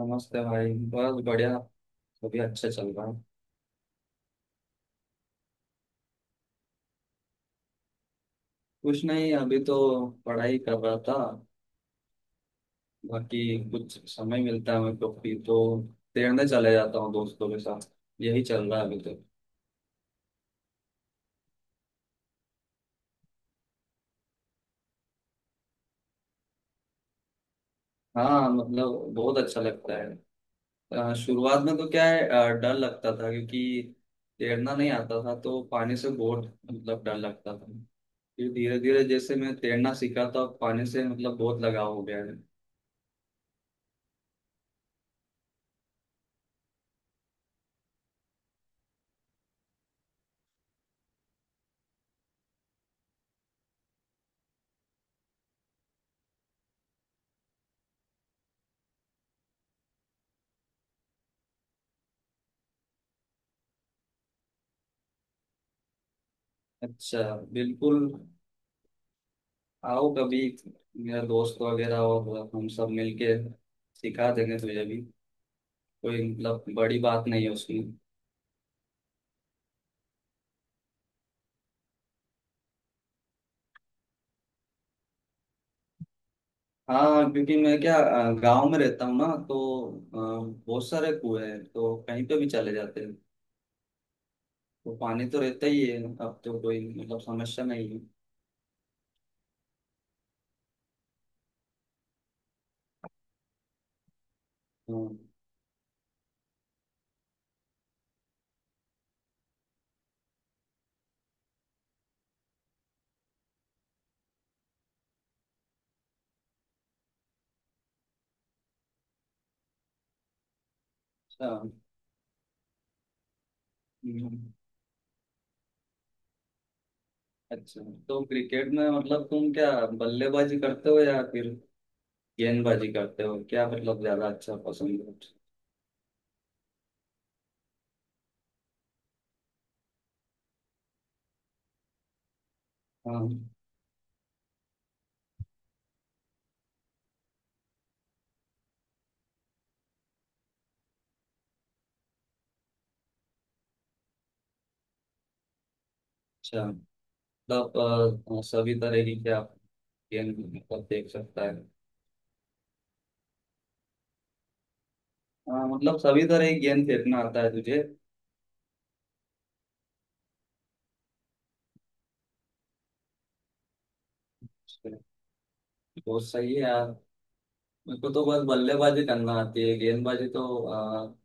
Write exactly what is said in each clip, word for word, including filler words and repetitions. नमस्ते भाई। बस बढ़िया। अभी अच्छे चल रहा है। कुछ नहीं अभी तो पढ़ाई कर रहा था। बाकी कुछ समय मिलता है मेरे को फ्री तो तैरने चले जाता हूँ दोस्तों के साथ। यही चल रहा है अभी तक। हाँ, मतलब बहुत अच्छा लगता है। अ, शुरुआत में तो क्या है, अ, डर लगता था क्योंकि तैरना नहीं आता था तो पानी से बहुत मतलब डर लगता था। फिर धीरे धीरे जैसे मैं तैरना सीखा तो पानी से मतलब बहुत लगाव हो गया है। अच्छा। बिल्कुल। आओ कभी, मेरा दोस्त वगैरह और हम सब मिलके सिखा देंगे तुझे भी। कोई मतलब बड़ी बात नहीं है उसमें। हाँ, क्योंकि मैं क्या, गांव में रहता हूँ ना तो अ, बहुत सारे कुएं हैं तो कहीं पे भी चले जाते हैं। तो पानी तो रहता ही है। अब तो कोई मतलब समस्या नहीं है। हाँ। अच्छा। हम्म। अच्छा, तो क्रिकेट में मतलब तुम क्या बल्लेबाजी करते हो या फिर गेंदबाजी करते हो, क्या मतलब ज्यादा अच्छा पसंद है? हाँ। अच्छा, मतलब अ, सभी तरह की क्या गेंद मतलब देख सकता है। हाँ, मतलब सभी तरह की गेंद फेंकना आता है तुझे? बहुत सही है यार। मेरे को तो बस बल्लेबाजी करना आती है, गेंदबाजी तो अ,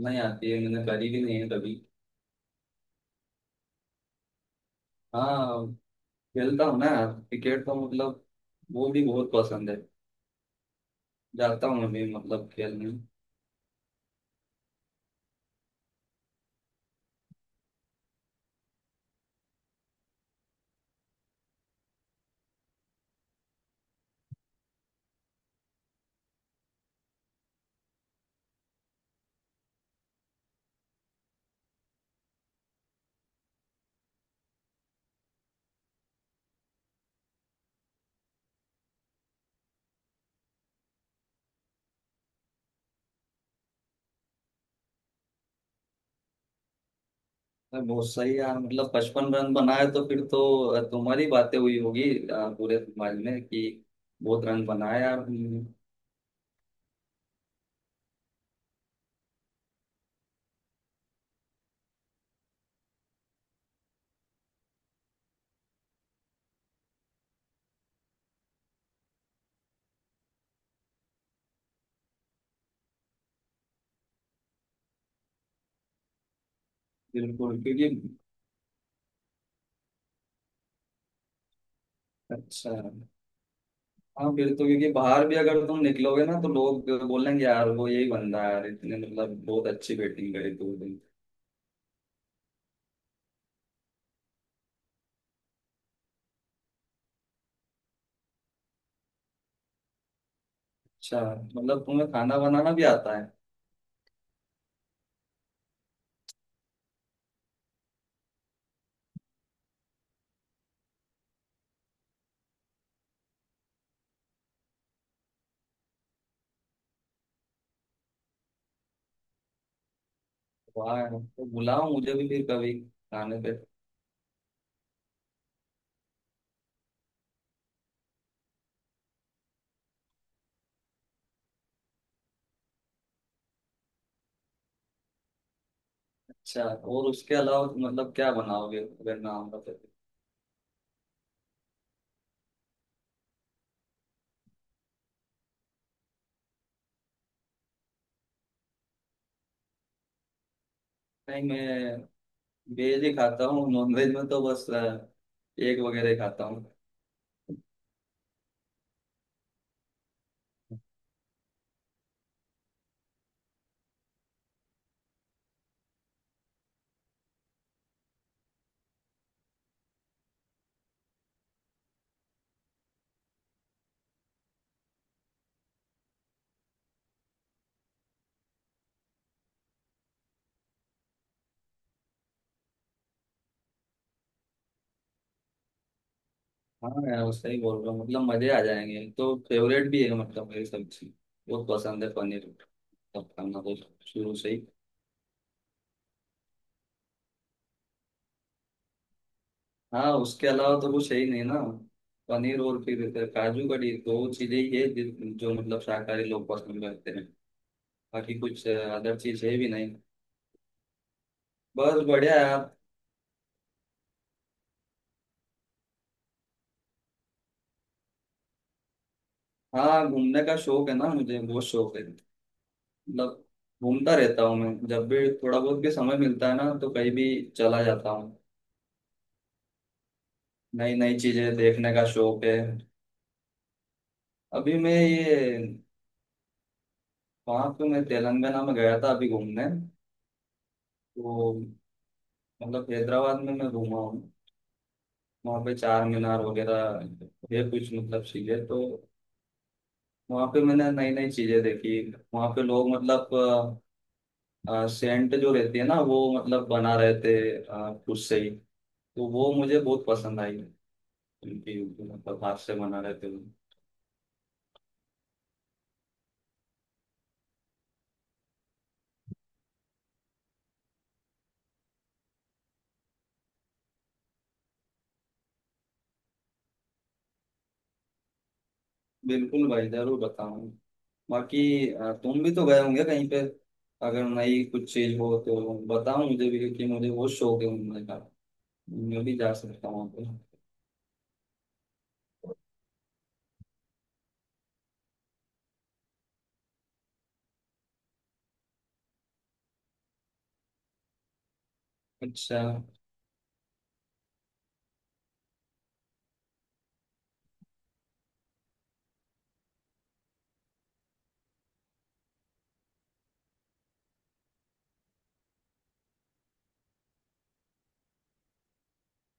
नहीं आती है, मैंने करी भी नहीं है कभी। हाँ, खेलता हूँ ना यार क्रिकेट तो, मतलब वो भी बहुत पसंद है। जाता हूँ मैं भी मतलब खेलने। अरे बहुत सही यार, मतलब पचपन रन बनाए तो फिर तो अ, तुम्हारी बातें हुई होगी अ, पूरे समाज में कि बहुत रन बनाए यार। बिल्कुल, क्योंकि अच्छा। हाँ, फिर तो क्योंकि बाहर भी अगर तुम निकलोगे ना तो लोग बोलेंगे यार वो यही बंदा है यार, इतने मतलब बहुत अच्छी बैटिंग करी तू भी। अच्छा, मतलब तुम्हें खाना बनाना भी आता है। वाह यार, तो बुलाओ मुझे भी फिर कभी खाने पे। अच्छा, और उसके अलावा तुम मतलब क्या बनाओगे अगर ना होगा तो? नहीं, मैं वेज ही खाता हूँ। नॉन वेज में तो बस अ, एग वगैरह ही खाता हूँ। हाँ यार, वो सही बोल रहा हूँ मतलब मजे आ जाएंगे। तो फेवरेट भी है मतलब, मेरी सब्जी बहुत पसंद है पनीर, सब खाना तो शुरू से ही। हाँ, उसके अलावा तो कुछ है ही नहीं ना। पनीर और फिर काजू कड़ी दो चीजें ही है जिन- जो मतलब शाकाहारी लोग पसंद करते हैं। बाकी कुछ अदर चीज है भी नहीं। बस बढ़िया यार। हाँ, घूमने का शौक है ना, मुझे बहुत शौक है। मतलब घूमता रहता हूँ मैं, जब भी थोड़ा बहुत भी समय मिलता है ना तो कहीं भी चला जाता हूँ। नई नई चीजें देखने का शौक है। अभी मैं ये, वहाँ पे मैं तेलंगाना में गया था अभी घूमने। तो मतलब हैदराबाद में मैं घूमा हूँ। वहाँ पे चार मीनार वगैरह है कुछ मतलब चीजें तो। वहाँ पे मैंने नई नई चीजें देखी। वहाँ पे लोग मतलब सेंट जो रहती है ना वो मतलब बना रहे थे अ, खुद से ही। तो वो मुझे बहुत पसंद आई उनकी, मतलब हाथ से बना रहे थे वो। बिल्कुल भाई जरूर बताऊँ। बाकी अ, तुम भी तो गए होंगे कहीं पे, अगर नई कुछ चीज हो तो बताओ मुझे भी क्योंकि मुझे बहुत शौक है घूमने का। मैं भी जा सकता हूँ वहाँ पे। अच्छा।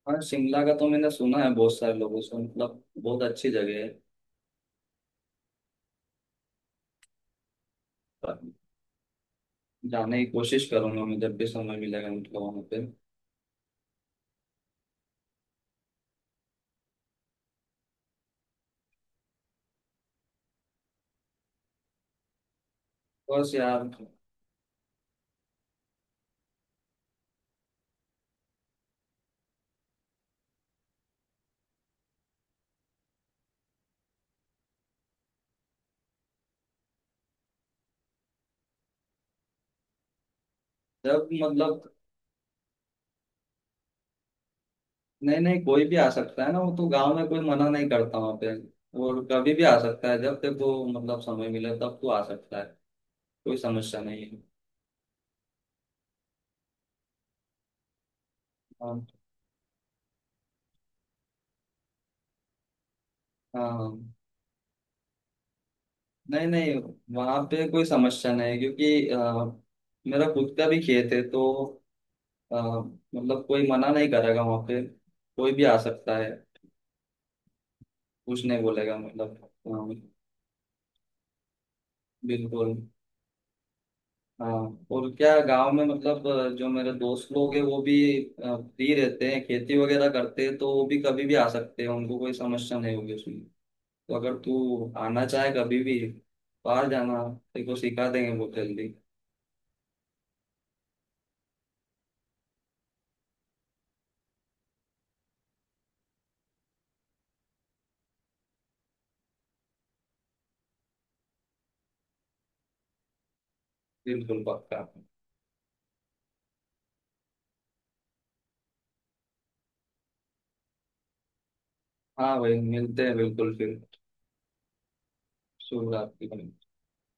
हाँ, शिमला का तो मैंने सुना है बहुत सारे लोगों से, मतलब बहुत अच्छी जगह है। पर जाने की कोशिश करूंगा मैं जब भी समय मिलेगा मतलब वहाँ पे। बस यार। जब मतलब नहीं नहीं, कोई भी आ सकता है ना, वो तो गांव में कोई मना नहीं करता वहाँ पे। और कभी भी आ सकता है, जब देखो मतलब समय मिले तब तो आ सकता है। कोई समस्या नहीं है। हाँ। हाँ, नहीं नहीं, वहां पे कोई समस्या नहीं है, क्योंकि अ, मेरा खुद का भी खेत है तो अ, मतलब कोई मना नहीं करेगा वहां पे। कोई भी आ सकता है। कुछ नहीं बोलेगा मतलब अ, बिल्कुल। हाँ, और क्या, गांव में मतलब अ, जो मेरे दोस्त लोग हैं वो भी फ्री रहते हैं, खेती वगैरह करते हैं तो वो भी कभी भी आ सकते हैं, उनको कोई समस्या नहीं होगी उसमें। तो अगर तू आना चाहे कभी भी बाहर जाना, तेरे को सिखा देंगे बहुत जल्दी। बिल्कुल पक्का। हाँ भाई, मिलते हैं बिल्कुल फिर। शुभ रात्रि।